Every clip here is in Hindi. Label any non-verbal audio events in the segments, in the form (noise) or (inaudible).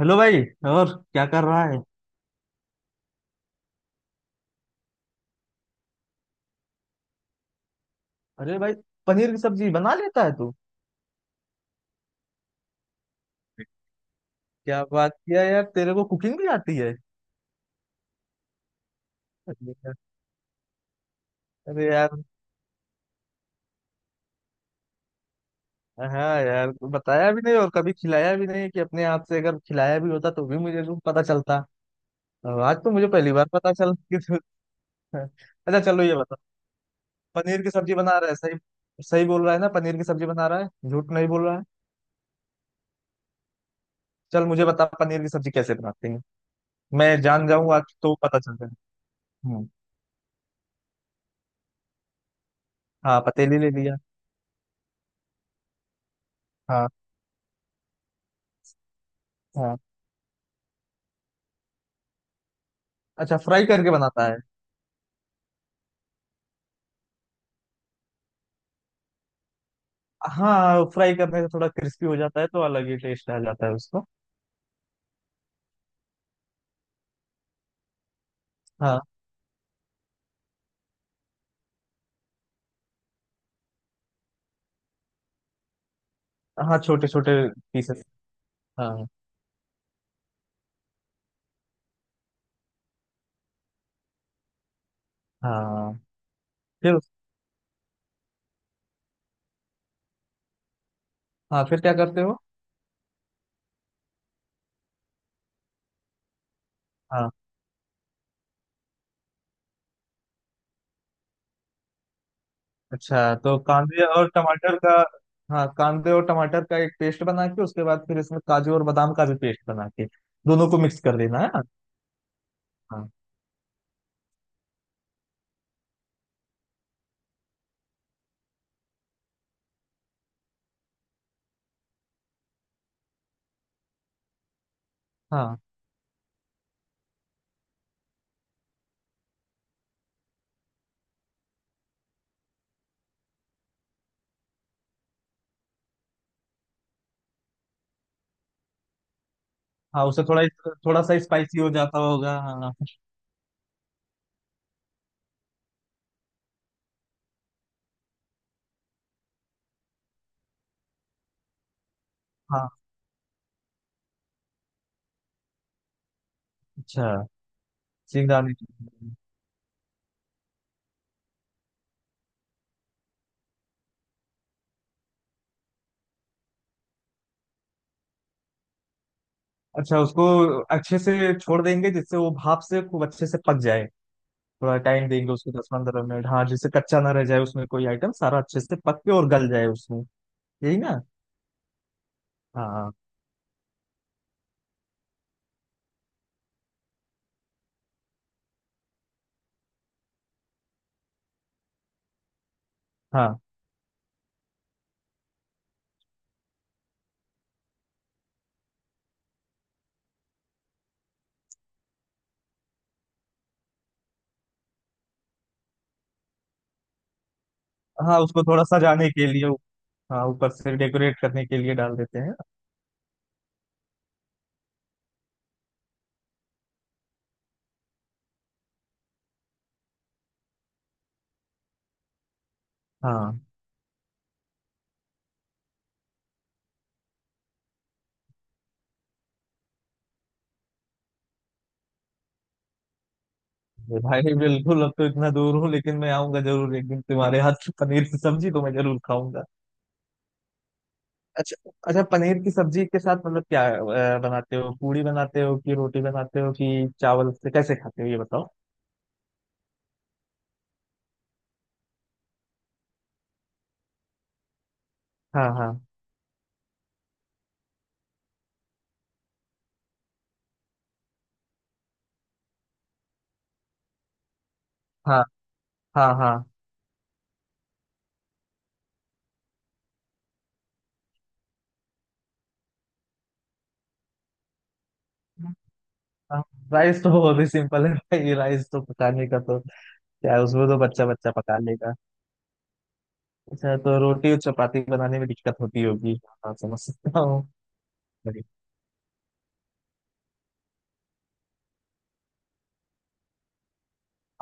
हेलो भाई। और क्या कर रहा है? अरे भाई, पनीर की सब्जी बना लेता है तू? क्या बात किया यार, तेरे को कुकिंग भी आती है? अरे यार। अरे यार, हाँ यार, तू बताया भी नहीं और कभी खिलाया भी नहीं कि अपने हाथ से, अगर खिलाया भी होता तो भी मुझे तो पता चलता। और आज तो मुझे पहली बार पता चल (laughs) अच्छा चलो ये बता, पनीर की सब्जी बना रहा है? सही। सही बोल रहा है ना, पनीर की सब्जी बना रहा है, झूठ नहीं बोल रहा है? चल मुझे बता, पनीर की सब्जी कैसे बनाते हैं। मैं जान जाऊंगा, आज तो पता चल जाएगा। हम्म। हाँ, पतीली ले लिया। हाँ। हाँ। अच्छा, फ्राई करके बनाता है? हाँ, फ्राई करने से थोड़ा क्रिस्पी हो जाता है तो अलग ही टेस्ट आ जाता है उसको। हाँ। हाँ, छोटे छोटे पीसेस। हाँ। हाँ, फिर? हाँ, फिर क्या करते हो? हाँ। अच्छा, तो कांदे और टमाटर का। हाँ, कांदे और टमाटर का एक पेस्ट बना के, उसके बाद फिर इसमें काजू और बादाम का भी पेस्ट बना के दोनों को मिक्स कर देना है ना? हाँ हाँ। हाँ, उससे थोड़ा, थोड़ा सा स्पाइसी हो जाता होगा, हाँ। हाँ। अच्छा, सिंगदाने। अच्छा, उसको अच्छे से छोड़ देंगे जिससे वो भाप से खूब अच्छे से पक जाए। थोड़ा टाइम देंगे उसको, 10-15 मिनट, हाँ, जिससे कच्चा ना रह जाए, उसमें कोई आइटम सारा अच्छे से पक के और गल जाए उसमें। यही ना? हाँ हाँ। हाँ हाँ, उसको थोड़ा सजाने के लिए, हाँ, ऊपर से डेकोरेट करने के लिए डाल देते हैं। हाँ ये भाई, बिल्कुल। अब तो इतना दूर हूँ लेकिन मैं आऊंगा जरूर, एक दिन तुम्हारे हाथ की पनीर की सब्जी तो मैं जरूर खाऊंगा। अच्छा अच्छा, पनीर की सब्जी के साथ मतलब क्या बनाते हो, पूड़ी बनाते हो कि रोटी बनाते हो कि चावल से, कैसे खाते हो ये बताओ। हाँ हाँ हाँ। हाँ हाँ हाँ। राइस तो बहुत ही सिंपल है भाई, राइस तो पकाने का तो क्या है, उसमें तो बच्चा बच्चा पका लेगा। अच्छा, तो रोटी और चपाती बनाने में दिक्कत होती होगी, हाँ समझ सकता हूँ। बढ़िया।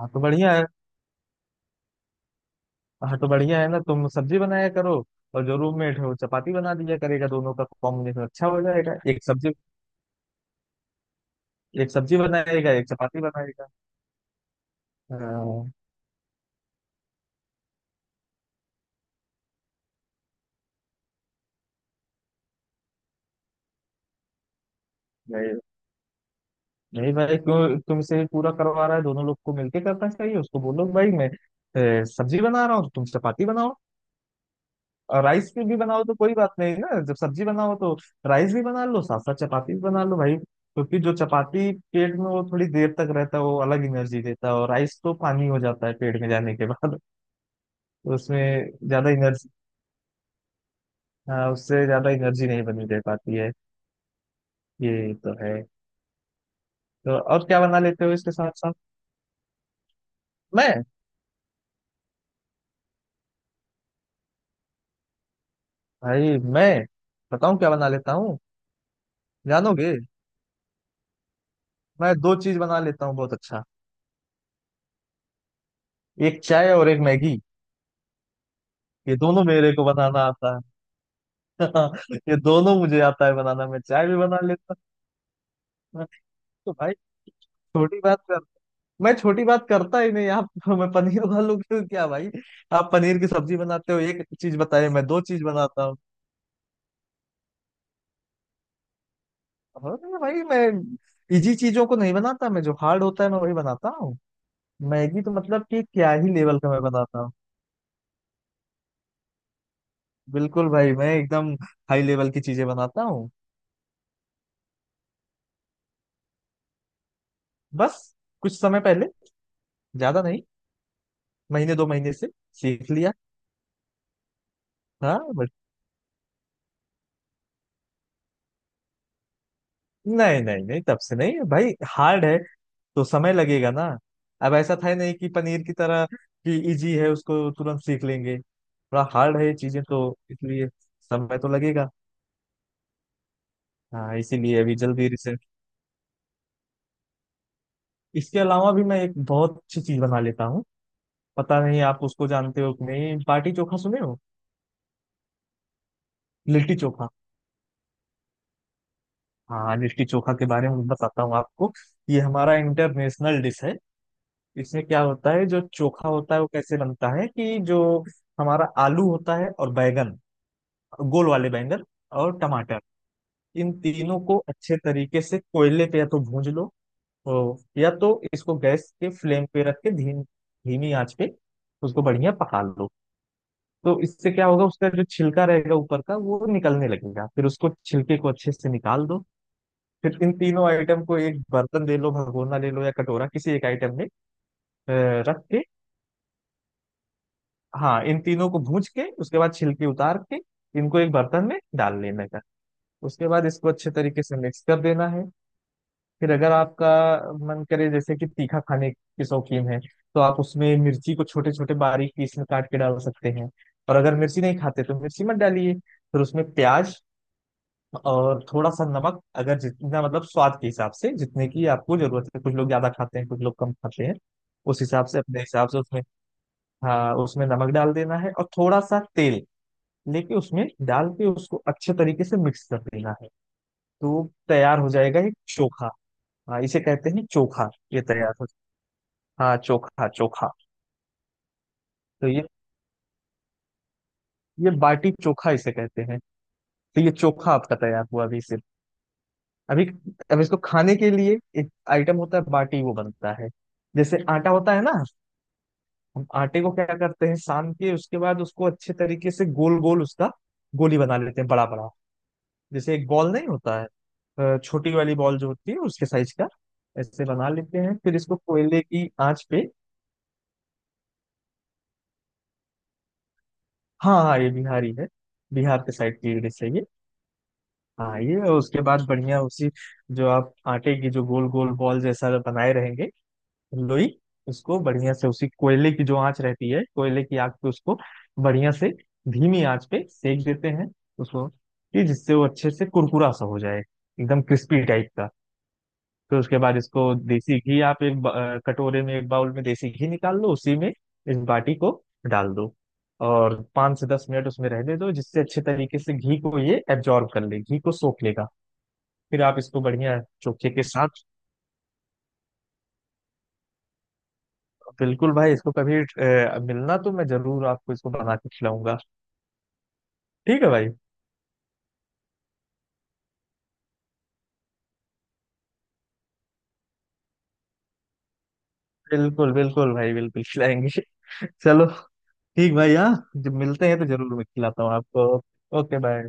हाँ तो बढ़िया है। हाँ तो बढ़िया है ना, तुम सब्जी बनाया करो और जो रूममेट है वो चपाती बना दिया करेगा, दोनों का कॉम्बिनेशन अच्छा हो जाएगा। एक सब्जी, एक सब्जी बनाएगा एक चपाती बनाएगा। हाँ। नहीं भाई, क्यों तुमसे ही पूरा करवा रहा है, दोनों लोग को मिलके करना चाहिए। उसको बोलो, भाई मैं सब्जी बना रहा हूँ तो तुम चपाती बनाओ और राइस भी बनाओ तो कोई बात नहीं ना। जब सब्जी बनाओ तो राइस भी बना लो, साथ साथ चपाती भी बना लो भाई, क्योंकि जो चपाती पेट में वो थोड़ी देर तक रहता है, वो अलग एनर्जी देता है और राइस तो पानी हो जाता है पेट में जाने के बाद। (laughs) उसमें ज्यादा एनर्जी, हाँ उससे ज्यादा एनर्जी नहीं बनी दे पाती है। ये तो है। तो और क्या बना लेते हो इसके साथ साथ? मैं, भाई मैं बताऊं क्या बना लेता, जानोगे? मैं दो चीज बना लेता हूँ बहुत अच्छा, एक चाय और एक मैगी। ये दोनों मेरे को बनाना आता है। (laughs) ये दोनों मुझे आता है बनाना, मैं चाय भी बना लेता हूँ तो भाई। छोटी बात कर? (laughs) मैं छोटी बात करता ही नहीं आप। (laughs) मैं पनीर वालों क्या भाई, आप पनीर की सब्जी बनाते हो एक चीज बताइए, मैं दो चीज बनाता हूँ। अरे भाई, मैं इजी चीजों को नहीं बनाता, मैं जो हार्ड होता है मैं वही बनाता हूँ। मैगी तो मतलब कि क्या ही लेवल का मैं बनाता हूँ। बिल्कुल भाई, मैं एकदम हाई लेवल की चीजें बनाता हूँ। बस कुछ समय पहले, ज्यादा नहीं, महीने 2 महीने से सीख लिया। हाँ, बट नहीं नहीं नहीं, तब से नहीं भाई, हार्ड है तो समय लगेगा ना। अब ऐसा था ही नहीं कि पनीर की तरह कि इजी है उसको तुरंत सीख लेंगे, थोड़ा हार्ड है ये चीजें तो, इसलिए समय तो लगेगा। हाँ इसीलिए अभी जल्दी रिसेंट। इसके अलावा भी मैं एक बहुत अच्छी चीज बना लेता हूँ। पता नहीं आप उसको जानते हो कि नहीं, बाटी चोखा सुने हो? लिट्टी चोखा। हाँ, लिट्टी चोखा के बारे में बताता हूँ आपको। ये हमारा इंटरनेशनल डिश है। इसमें क्या होता है, जो चोखा होता है वो कैसे बनता है कि जो हमारा आलू होता है और बैगन, गोल वाले बैंगन, और टमाटर, इन तीनों को अच्छे तरीके से कोयले पे या तो भूंज लो, या तो इसको गैस के फ्लेम पे रख के धीमी आंच पे उसको बढ़िया पका लो। तो इससे क्या होगा, उसका जो छिलका रहेगा ऊपर का वो निकलने लगेगा, फिर उसको छिलके को अच्छे से निकाल दो। फिर इन तीनों आइटम को एक बर्तन ले लो, भगोना ले लो या कटोरा, किसी एक आइटम में अ, रख के, हाँ इन तीनों को भूज के उसके बाद छिलके उतार के इनको एक बर्तन में डाल लेने का। उसके बाद इसको अच्छे तरीके से मिक्स कर देना है। फिर अगर आपका मन करे, जैसे कि तीखा खाने के शौकीन है तो आप उसमें मिर्ची को छोटे छोटे बारीक पीस में काट के डाल सकते हैं, और अगर मिर्ची नहीं खाते तो मिर्ची मत डालिए। फिर उसमें प्याज और थोड़ा सा नमक, अगर जितना मतलब स्वाद के हिसाब से, जितने की आपको जरूरत है, कुछ लोग ज्यादा खाते हैं कुछ लोग कम खाते हैं, उस हिसाब से अपने हिसाब से उसमें, हाँ उसमें नमक डाल देना है और थोड़ा सा तेल लेके उसमें डाल के उसको अच्छे तरीके से मिक्स कर देना है, तो तैयार हो जाएगा एक चोखा। हाँ, इसे कहते हैं चोखा, ये तैयार हो। हाँ, चोखा चोखा। तो ये बाटी चोखा इसे कहते हैं। तो ये चोखा आपका तैयार हुआ अभी। सिर्फ अभी, अब इसको खाने के लिए एक आइटम होता है बाटी, वो बनता है जैसे आटा होता है ना, हम आटे को क्या करते हैं, सान के उसके बाद उसको अच्छे तरीके से गोल गोल उसका गोली बना लेते हैं, बड़ा बड़ा, जैसे एक बॉल नहीं होता है, छोटी वाली बॉल जो होती है उसके साइज का, ऐसे बना लेते हैं, फिर इसको कोयले की आंच पे। हाँ हाँ, ये बिहारी है, बिहार के साइड की डिश है ये। हाँ ये, और उसके बाद बढ़िया उसी, जो आप आटे की जो गोल गोल बॉल जैसा बनाए रहेंगे, लोई, उसको बढ़िया से उसी कोयले की जो आंच रहती है, कोयले की आग पे उसको बढ़िया से धीमी आंच पे सेक देते हैं उसको, कि जिससे वो अच्छे से कुरकुरा सा हो जाए, एकदम क्रिस्पी टाइप का। फिर उसके बाद इसको देसी घी, आप एक कटोरे में, एक बाउल में देसी घी निकाल लो, उसी में इस बाटी को डाल दो और 5 से 10 मिनट उसमें रहने दो, जिससे अच्छे तरीके से घी को ये एब्जॉर्ब कर ले, घी को सोख लेगा। फिर आप इसको बढ़िया चोखे के साथ। बिल्कुल भाई, इसको कभी मिलना तो मैं जरूर आपको इसको बना के खिलाऊंगा। ठीक है भाई। बिल्कुल बिल्कुल भाई, बिल्कुल खिलाएंगे। (laughs) चलो, ठीक भाई। हाँ, जब मिलते हैं तो जरूर मैं खिलाता हूँ आपको। Okay bye.